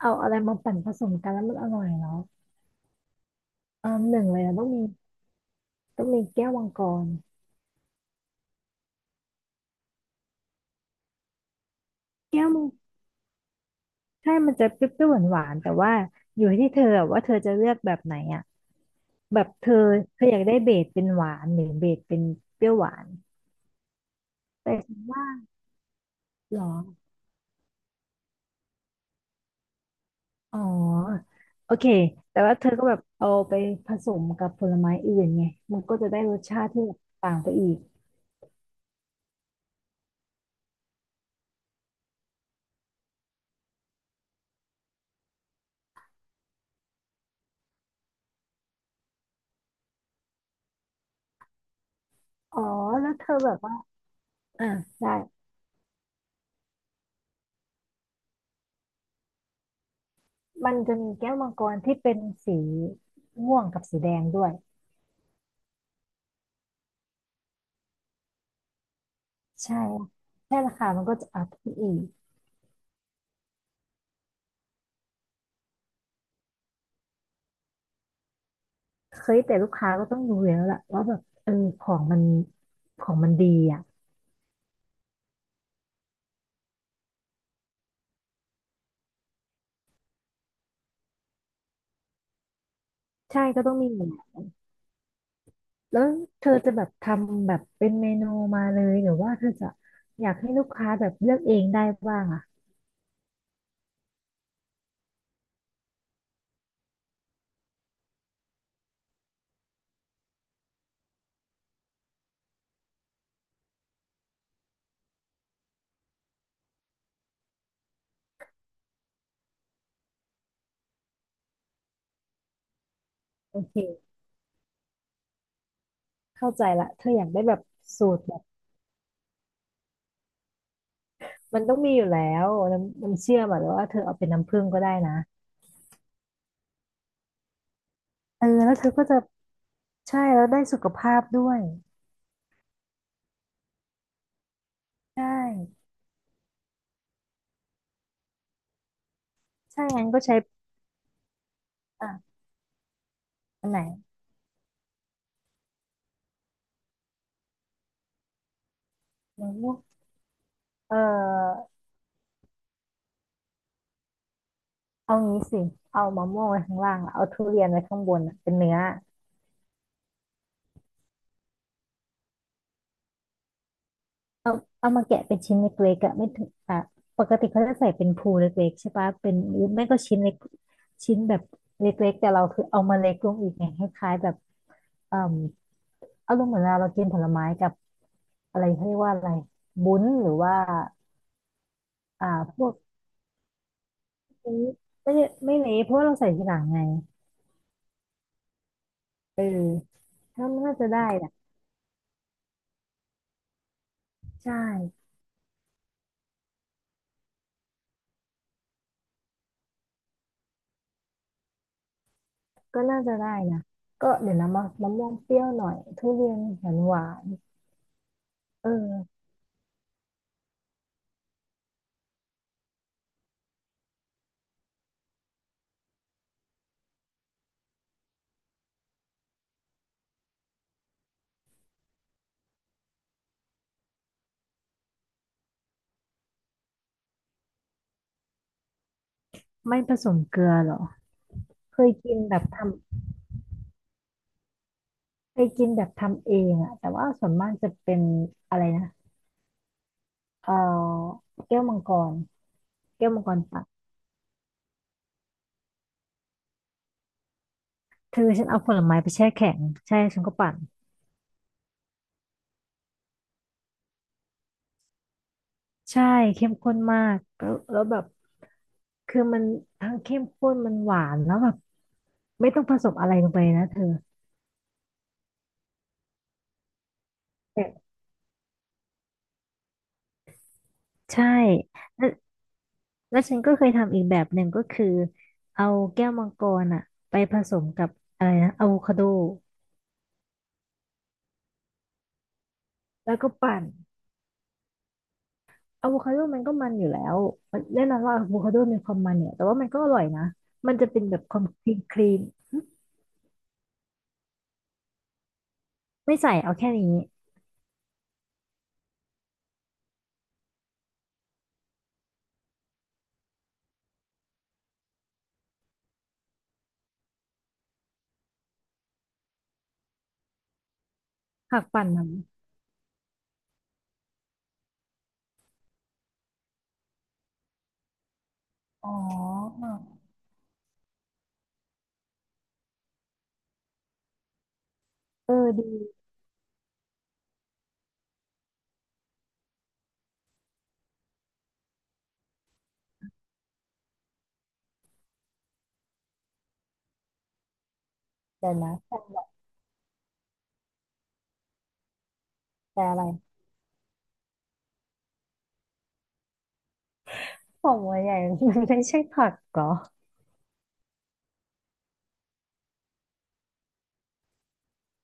เอาอะไรมาปั่นผสมกันแล้วมันอร่อยแล้วอ่าหนึ่งเลยนะต้องมีต้องมีแก้วมังกรแก้วมังใช่มันจะเปรี้ยวๆหวานๆแต่ว่าอยู่ที่เธออะว่าเธอจะเลือกแบบไหนอ่ะแบบเธอเธออยากได้เบสเป็นหวานหรือเบสเป็นเปรี้ยวหวานแต่ฉันว่าหรออ๋อโอเคแต่ว่าเธอก็แบบเอาไปผสมกับผลไม้อื่นไงมันก็จะได้รสชาติที่แบบต่างไปอีกอ๋อแล้วเธอแบบว่าอ่ะได้ มันจะมีแก้วมังกรที่เป็นสีม่วงกับสีแดงด้วยใช่แค่ราคามันก็จะอัพขึ้นอีกเคยแต่ลูกค้าก็ต้องดูแล้วล่ะว่าแบบเออของมันของมันดีอ่ะใช่ก็ต้องมีแหละแล้วเธอจะแบบทำแบบเป็นเมนูมาเลยหรือว่าเธอจะอยากให้ลูกค้าแบบเลือกเองได้บ้างอ่ะโอเคเข้าใจละเธออยากได้แบบสูตรแบบมันต้องมีอยู่แล้วน้ำน้ำเชื่อมอะหรือว่าเธอเอาเป็นน้ำผึ้งก็ได้นะเออแล้วเธอก็จะใช่แล้วได้สุขภาพด้วย ใช่ ใช่งั้นก็ใช้อ่ะอันไหนมะม่วงเออเอางี้สิเอามะม่วงไว้ข้างล่างอะเอาทุเรียนไว้ข้างบนอะเป็นเนื้อเอาเอามาแกะเป็นชิ้นเล็กๆอะไม่ถึงอ่ะปกติเขาจะใส่เป็นภูเล็กๆใช่ปะเป็นหรือไม่ก็ชิ้นเล็กชิ้นแบบเล็กๆแต่เราคือเอามาเล็กลงอีกไงคล้ายๆแบบเอ่มเอาลงเหมือนเราเรากินผลไม้กับอะไรเขาเรียกว่าอะไรบุ้นหรือว่าอ่าพวกนี้ไม่ได้ไม่เละเพราะว่าเราใส่ทีหลังไงเออถ้ามันน่าจะได้นะ ใช่ก็น่าจะได้นะก็เดี๋ยวนะมะมะม่วงเปรี้ยวหน่อยทุเรียนหวานหวานเออไม่ผสมเกลือเหรอเคยกินแบบทำเคยกินแบบทำเองอะแต่ว่าส่วนมากจะเป็นอะไรนะเออแก้วมังกรแก้วมังกรปั่นเธอฉันเอาผลไม้ไปแช่แข็งใช่ฉันก็ปั่นใช่เข้มข้นมากแล้วแล้วแบบคือมันทั้งเข้มข้นมันหวานแล้วแบบไม่ต้องผสมอะไรลงไปนะเธอแต่ใช่ แล้วฉันก็เคยทำอีกแบบหนึ่งก็คือเอาแก้วมังกรอ่ะไปผสมกับอะไรนะอะโวคาโดแล้วก็ปั่นอะโวคาโดมันก็มันอยู่แล้วแน่นอนว่าอะโวคาโดมีความมันเนี่ยแต่ว่ามันก็อร่อยนะมันจะเป็นแบบความคลีนคลีนไม่ใส่เอาแค่นี้หักปั่นมันอ๋อเออดีเดี๋ยวนะแต่ละแต่อะไรของหัวใหญ่มันไม่ใช่ผักเหรอ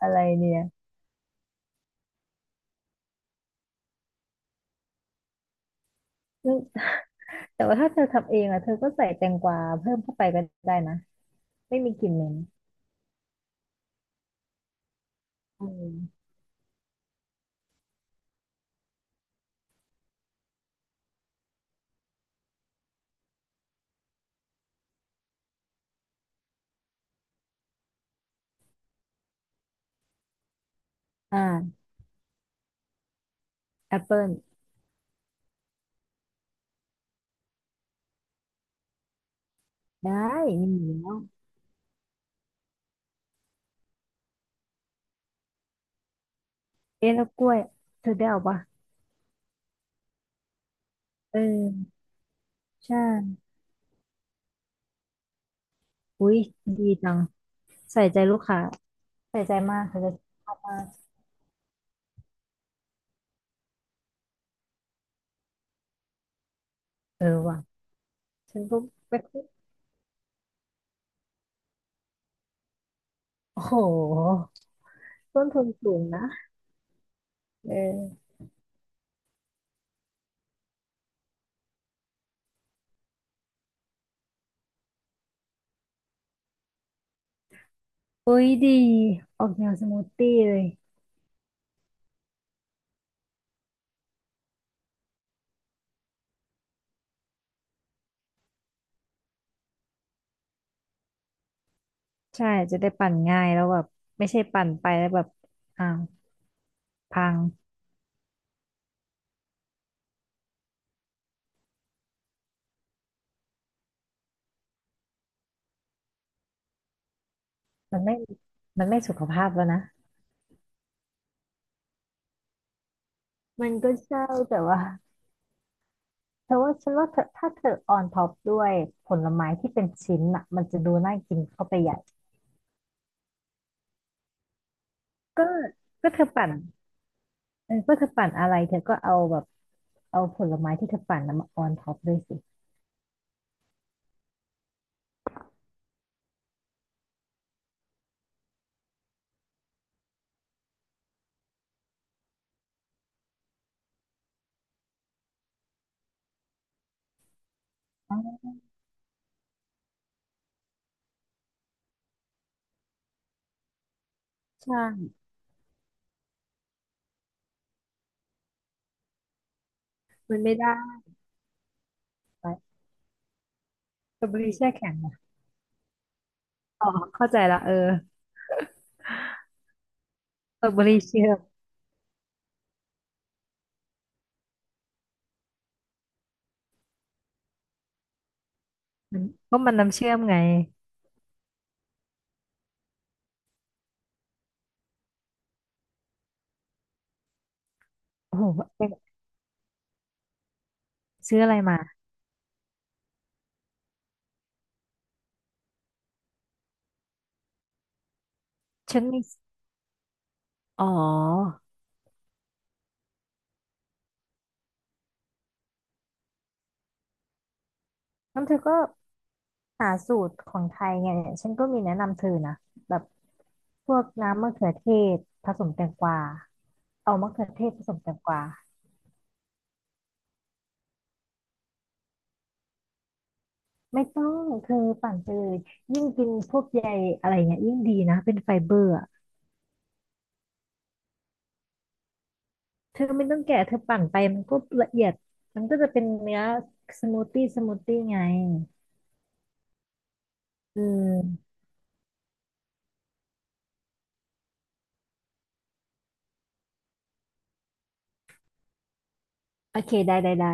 อะไรเนี่ยอืมแต่ว่าถ้าเธอทำเองอะเธอก็ใส่แตงกวาเพิ่มเข้าไปก็ได้นะไม่มีกลิ่นเหม็นอืม อ่าแอปเปิลได้มีอยู่แล้วเอ๊ะแล้วกล้วยเธอได้เอาปะเออใช่อุ้ยดีจังใส่ใจลูกค้าใส่ใจมากเธอจะชอบมากเออว่ะฉันก็ไปคุยโอ้โหต้นทุนสูงนะเอออุ้ยดีออกแนวสมูทตี้เลยใช่จะได้ปั่นง่ายแล้วแบบไม่ใช่ปั่นไปแล้วแบบอ้าวพังมันไม่มันไม่สุขภาพแล้วนะมันก็ใช่แต่ว่า เธอว่าฉันว่าเธอถ้าเธอออนท็อปด้วยผลไม้ที่เป็นชิ้นอ่ะมันจะดูน่ากินเข้าไปใหญ่ก็ก็เธอปั่นเออก็เธอปั่นอะไรเธอก็เอาแบบเอาผลไม้ที่เธอปั่นน่ะมาออนท็อปด้วยสิอ๋อใช่มันไม่ได้ไปสตรอเบอรี่แช่แข็งเหรออ๋อเข้าใจละเออสตรอเบอรี่เชื่อมมันก็มันน้ำเชื่อมไงโอ้โหซื้ออะไรมาฉันมีอ๋องั้นเธอก็ หาสูตรของไทยไงเนี่ยฉันก็มีแนะนำเธอนะแบบพวกน้ำมะเขือเทศผสมแตงกวาเอามะเขือเทศผสมแตงกวาไม่ต้องเธอปั่นไปเลอยิ่งกินพวกใยอะไรเงี้ยยิ่งดีนะเป็นไฟเบอร์อะเธอไม่ต้องแกะเธอปั่นไปมันก็ละเอียดมันก็จะเป็นเนื้อสมูทตี้สมูทตี้ไงอืมโอเคได้ได้ได้